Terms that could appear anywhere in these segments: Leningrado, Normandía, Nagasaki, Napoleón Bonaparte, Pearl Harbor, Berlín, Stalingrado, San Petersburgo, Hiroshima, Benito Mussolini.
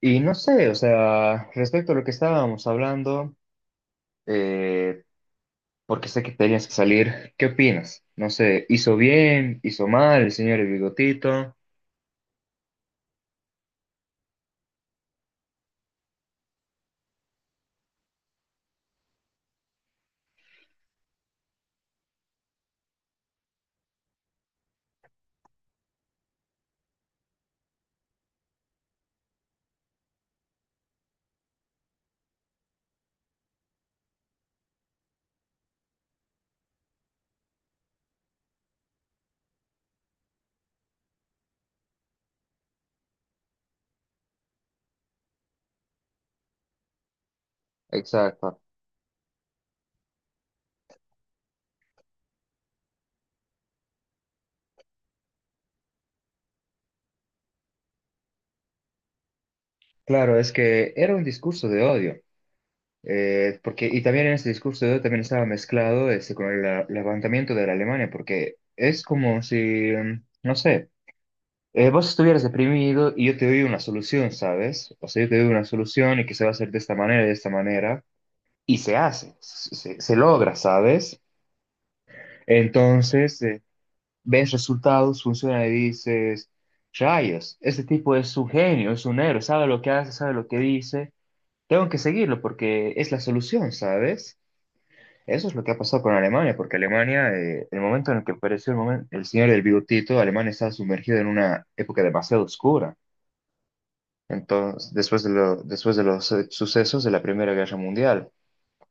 Y no sé, o sea, respecto a lo que estábamos hablando, eh, porque sé que tenías que salir, ¿qué opinas? No sé, ¿hizo bien, hizo mal el señor El Bigotito? Exacto. Claro, es que era un discurso de odio, porque, y también en ese discurso de odio también estaba mezclado este, con el levantamiento de la Alemania, porque es como si, no sé, vos estuvieras deprimido y yo te doy una solución, ¿sabes? O sea, yo te doy una solución y que se va a hacer de esta manera, de esta manera. Y se hace, se logra, ¿sabes? Entonces, ves resultados, funciona y dices, rayos, este tipo es un genio, es un héroe, sabe lo que hace, sabe lo que dice, tengo que seguirlo porque es la solución, ¿sabes? Eso es lo que ha pasado con Alemania, porque Alemania, el momento en el que apareció el señor del bigotito, Alemania estaba sumergida en una época demasiado oscura. Entonces, después después de los sucesos de la Primera Guerra Mundial.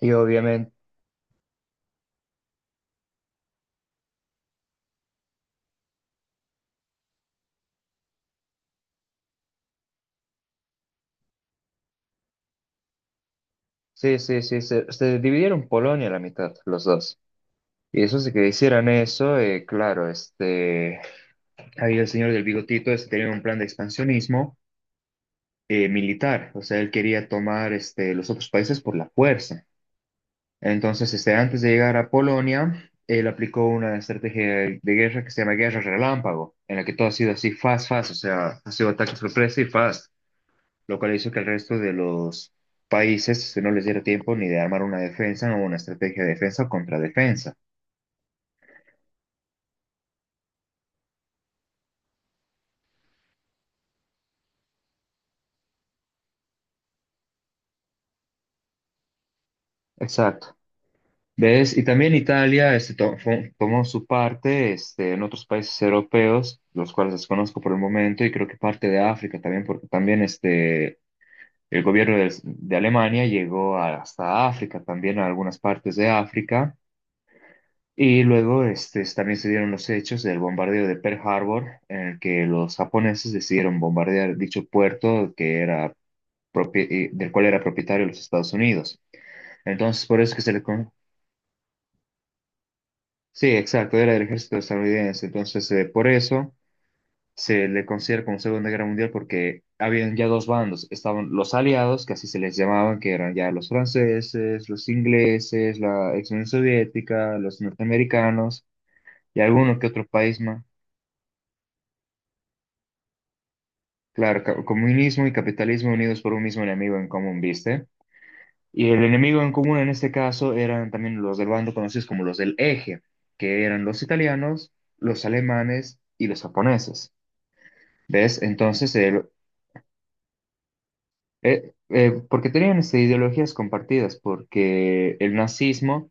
Y obviamente sí, sí, sí, se dividieron Polonia a la mitad, los dos. Y eso de que hicieran eso, claro, este, ahí el señor del bigotito este, tenía un plan de expansionismo militar, o sea, él quería tomar este, los otros países por la fuerza. Entonces, este, antes de llegar a Polonia, él aplicó una estrategia de guerra que se llama guerra relámpago, en la que todo ha sido así, fast, fast, o sea, ha sido ataque sorpresa y fast. Lo cual hizo que el resto de los países este, no les diera tiempo ni de armar una defensa o una estrategia de defensa o contradefensa. Exacto. ¿Ves? Y también Italia este, tomó su parte este, en otros países europeos, los cuales desconozco por el momento, y creo que parte de África también, porque también este, el gobierno de Alemania hasta África, también a algunas partes de África. Y luego este, también se dieron los hechos del bombardeo de Pearl Harbor, en el que los japoneses decidieron bombardear dicho puerto que era del cual era propietario los Estados Unidos. Entonces, por eso que se le... con- sí, exacto, era del ejército estadounidense. Entonces, por eso se le considera como Segunda Guerra Mundial porque habían ya dos bandos. Estaban los aliados, que así se les llamaban, que eran ya los franceses, los ingleses, la ex Unión Soviética, los norteamericanos y alguno que otro país más. Claro, comunismo y capitalismo unidos por un mismo enemigo en común, ¿viste? Y el enemigo en común en este caso eran también los del bando conocidos como los del Eje, que eran los italianos, los alemanes y los japoneses. ¿Ves? Entonces, porque tenían este, ideologías compartidas, porque el nazismo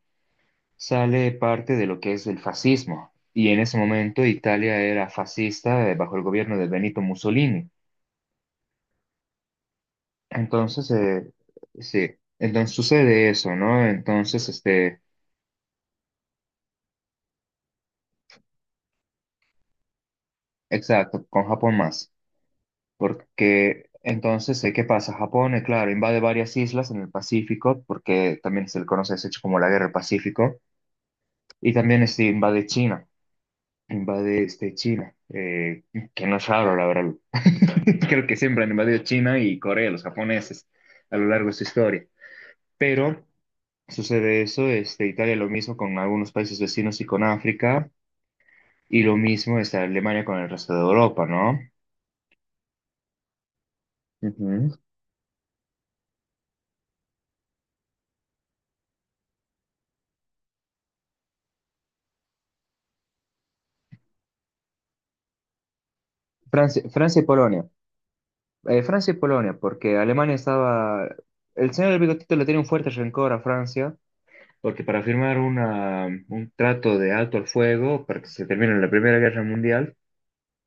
sale parte de lo que es el fascismo. Y en ese momento Italia era fascista bajo el gobierno de Benito Mussolini. Entonces, sí, entonces sucede eso, ¿no? Entonces, este, exacto, con Japón más, porque entonces, ¿qué pasa? Japón, claro, invade varias islas en el Pacífico, porque también se le conoce ese hecho como la Guerra del Pacífico, y también este, invade China, invade este, China, que no es raro, la verdad. Creo que siempre han invadido China y Corea, los japoneses, a lo largo de su historia. Pero sucede eso, este, Italia lo mismo con algunos países vecinos y con África. Y lo mismo está Alemania con el resto de Europa, ¿no? Ujú. Francia, Francia y Polonia. Francia y Polonia, porque Alemania estaba... El señor del bigotito le tenía un fuerte rencor a Francia, porque para firmar un trato de alto al fuego, para que se termine la Primera Guerra Mundial,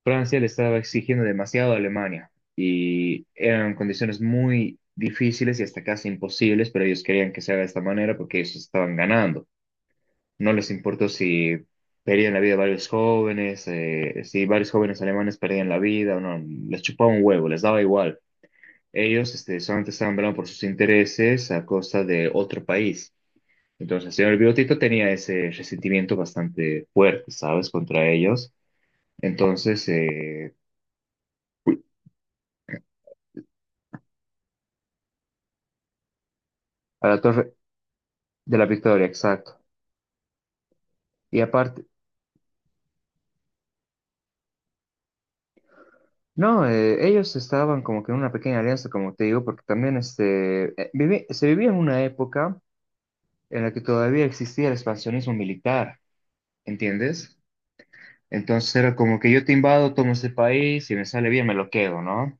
Francia le estaba exigiendo demasiado a Alemania. Y eran condiciones muy difíciles y hasta casi imposibles, pero ellos querían que se haga de esta manera porque ellos estaban ganando. No les importó si perdían la vida varios jóvenes, si varios jóvenes alemanes perdían la vida o no, les chupaba un huevo, les daba igual. Ellos este, solamente estaban velando por sus intereses a costa de otro país. Entonces, el señor Biotito tenía ese resentimiento bastante fuerte, ¿sabes?, contra ellos. Entonces, a la Torre de la Victoria, exacto. Y aparte, no, ellos estaban como que en una pequeña alianza, como te digo, porque también este, se vivía en una época en la que todavía existía el expansionismo militar, ¿entiendes? Entonces era como que yo te invado, tomo ese país, si me sale bien me lo quedo, ¿no?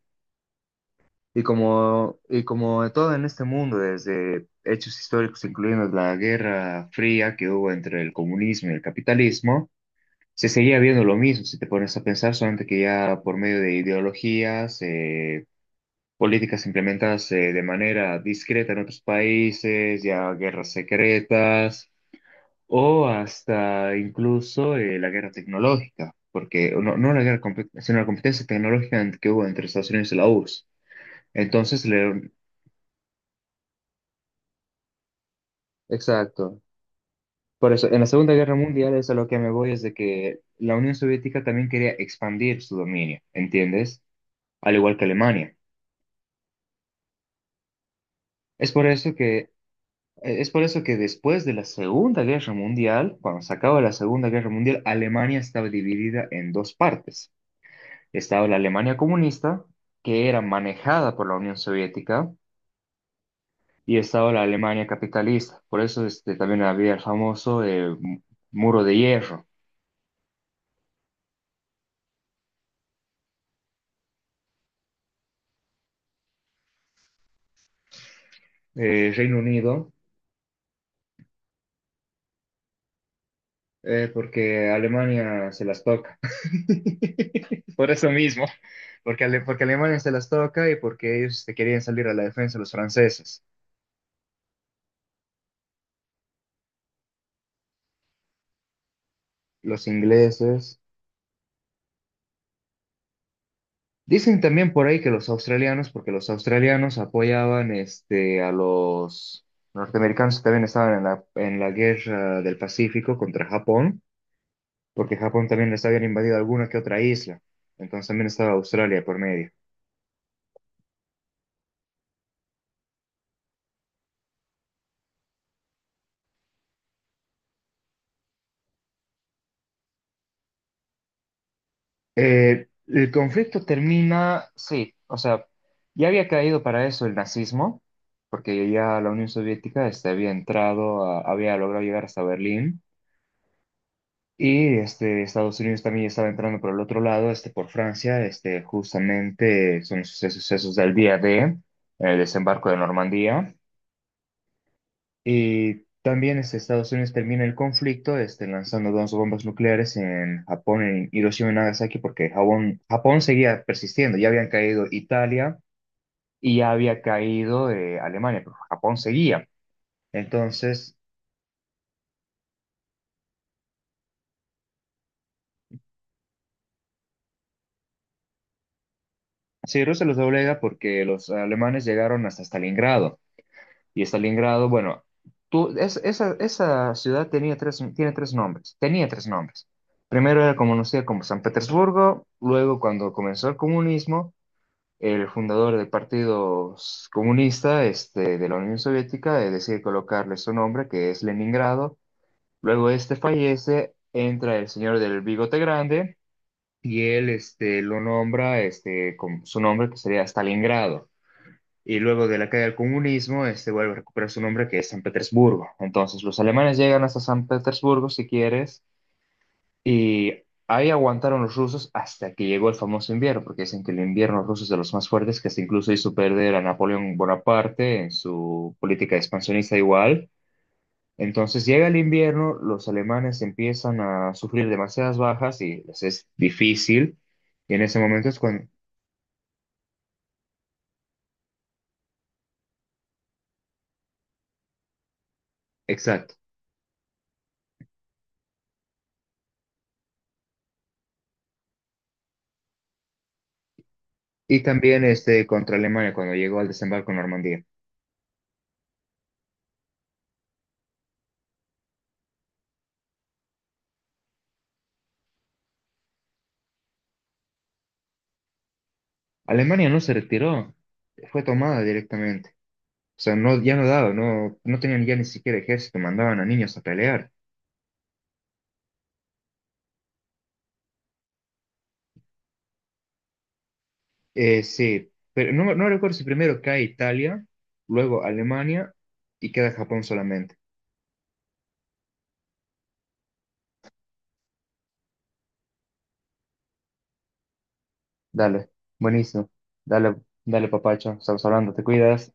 Y como todo en este mundo, desde hechos históricos, incluyendo la Guerra Fría que hubo entre el comunismo y el capitalismo, se seguía viendo lo mismo, si te pones a pensar, solamente que ya por medio de ideologías, políticas implementadas de manera discreta en otros países, ya guerras secretas o hasta incluso la guerra tecnológica, porque no la guerra, sino la competencia tecnológica que hubo entre Estados Unidos y la URSS. Entonces, le- exacto. Por eso, en la Segunda Guerra Mundial es a lo que me voy, es de que la Unión Soviética también quería expandir su dominio, ¿entiendes? Al igual que Alemania. Es por eso que, e, es por eso que después de la Segunda Guerra Mundial, cuando se acaba la Segunda Guerra Mundial, Alemania estaba dividida en dos partes. Estaba la Alemania comunista, que era manejada por la Unión Soviética, y estaba la Alemania capitalista. Por eso este, también había el famoso muro de hierro. Reino Unido, porque Alemania se las toca. Por eso mismo, porque, porque Alemania se las toca y porque ellos este, querían salir a la defensa los franceses, los ingleses. Dicen también por ahí que los australianos, porque los australianos apoyaban este, a los norteamericanos que también estaban en en la guerra del Pacífico contra Japón, porque Japón también les habían invadido alguna que otra isla. Entonces también estaba Australia por medio. El conflicto termina, sí, o sea, ya había caído para eso el nazismo, porque ya la Unión Soviética este, había entrado, había logrado llegar hasta Berlín. Y este, Estados Unidos también estaba entrando por el otro lado, este, por Francia, este, justamente son los sucesos, del día de el desembarco de Normandía. Y también este, Estados Unidos termina el conflicto este, lanzando dos bombas nucleares en Japón, en Hiroshima y Nagasaki, porque Japón, Japón seguía persistiendo. Ya habían caído Italia y ya había caído Alemania, pero Japón seguía. Entonces, sí, Rusia los doblega porque los alemanes llegaron hasta Stalingrado. Y Stalingrado, bueno, tú, esa ciudad tenía tres, tiene tres nombres, tenía tres nombres. Primero era conocida como San Petersburgo, luego cuando comenzó el comunismo, el fundador del Partido Comunista este, de la Unión Soviética decide colocarle su nombre, que es Leningrado. Luego este fallece, entra el señor del bigote grande y él este, lo nombra este, con su nombre que sería Stalingrado y luego de la caída del comunismo, este vuelve a recuperar su nombre que es San Petersburgo. Entonces los alemanes llegan hasta San Petersburgo, si quieres, y ahí aguantaron los rusos hasta que llegó el famoso invierno, porque dicen que el invierno ruso es de los más fuertes, que hasta incluso hizo perder a Napoleón Bonaparte en su política expansionista igual. Entonces llega el invierno, los alemanes empiezan a sufrir demasiadas bajas y les es difícil, y en ese momento es cuando... Exacto. Y también este, contra Alemania cuando llegó al desembarco en Normandía. Alemania no se retiró, fue tomada directamente. O sea, no, ya no daba, no, no tenían ya ni siquiera ejército, mandaban a niños a pelear. Sí, pero no, no recuerdo si primero cae Italia, luego Alemania y queda Japón solamente. Dale, buenísimo. Dale, dale, papacho, estamos hablando, te cuidas.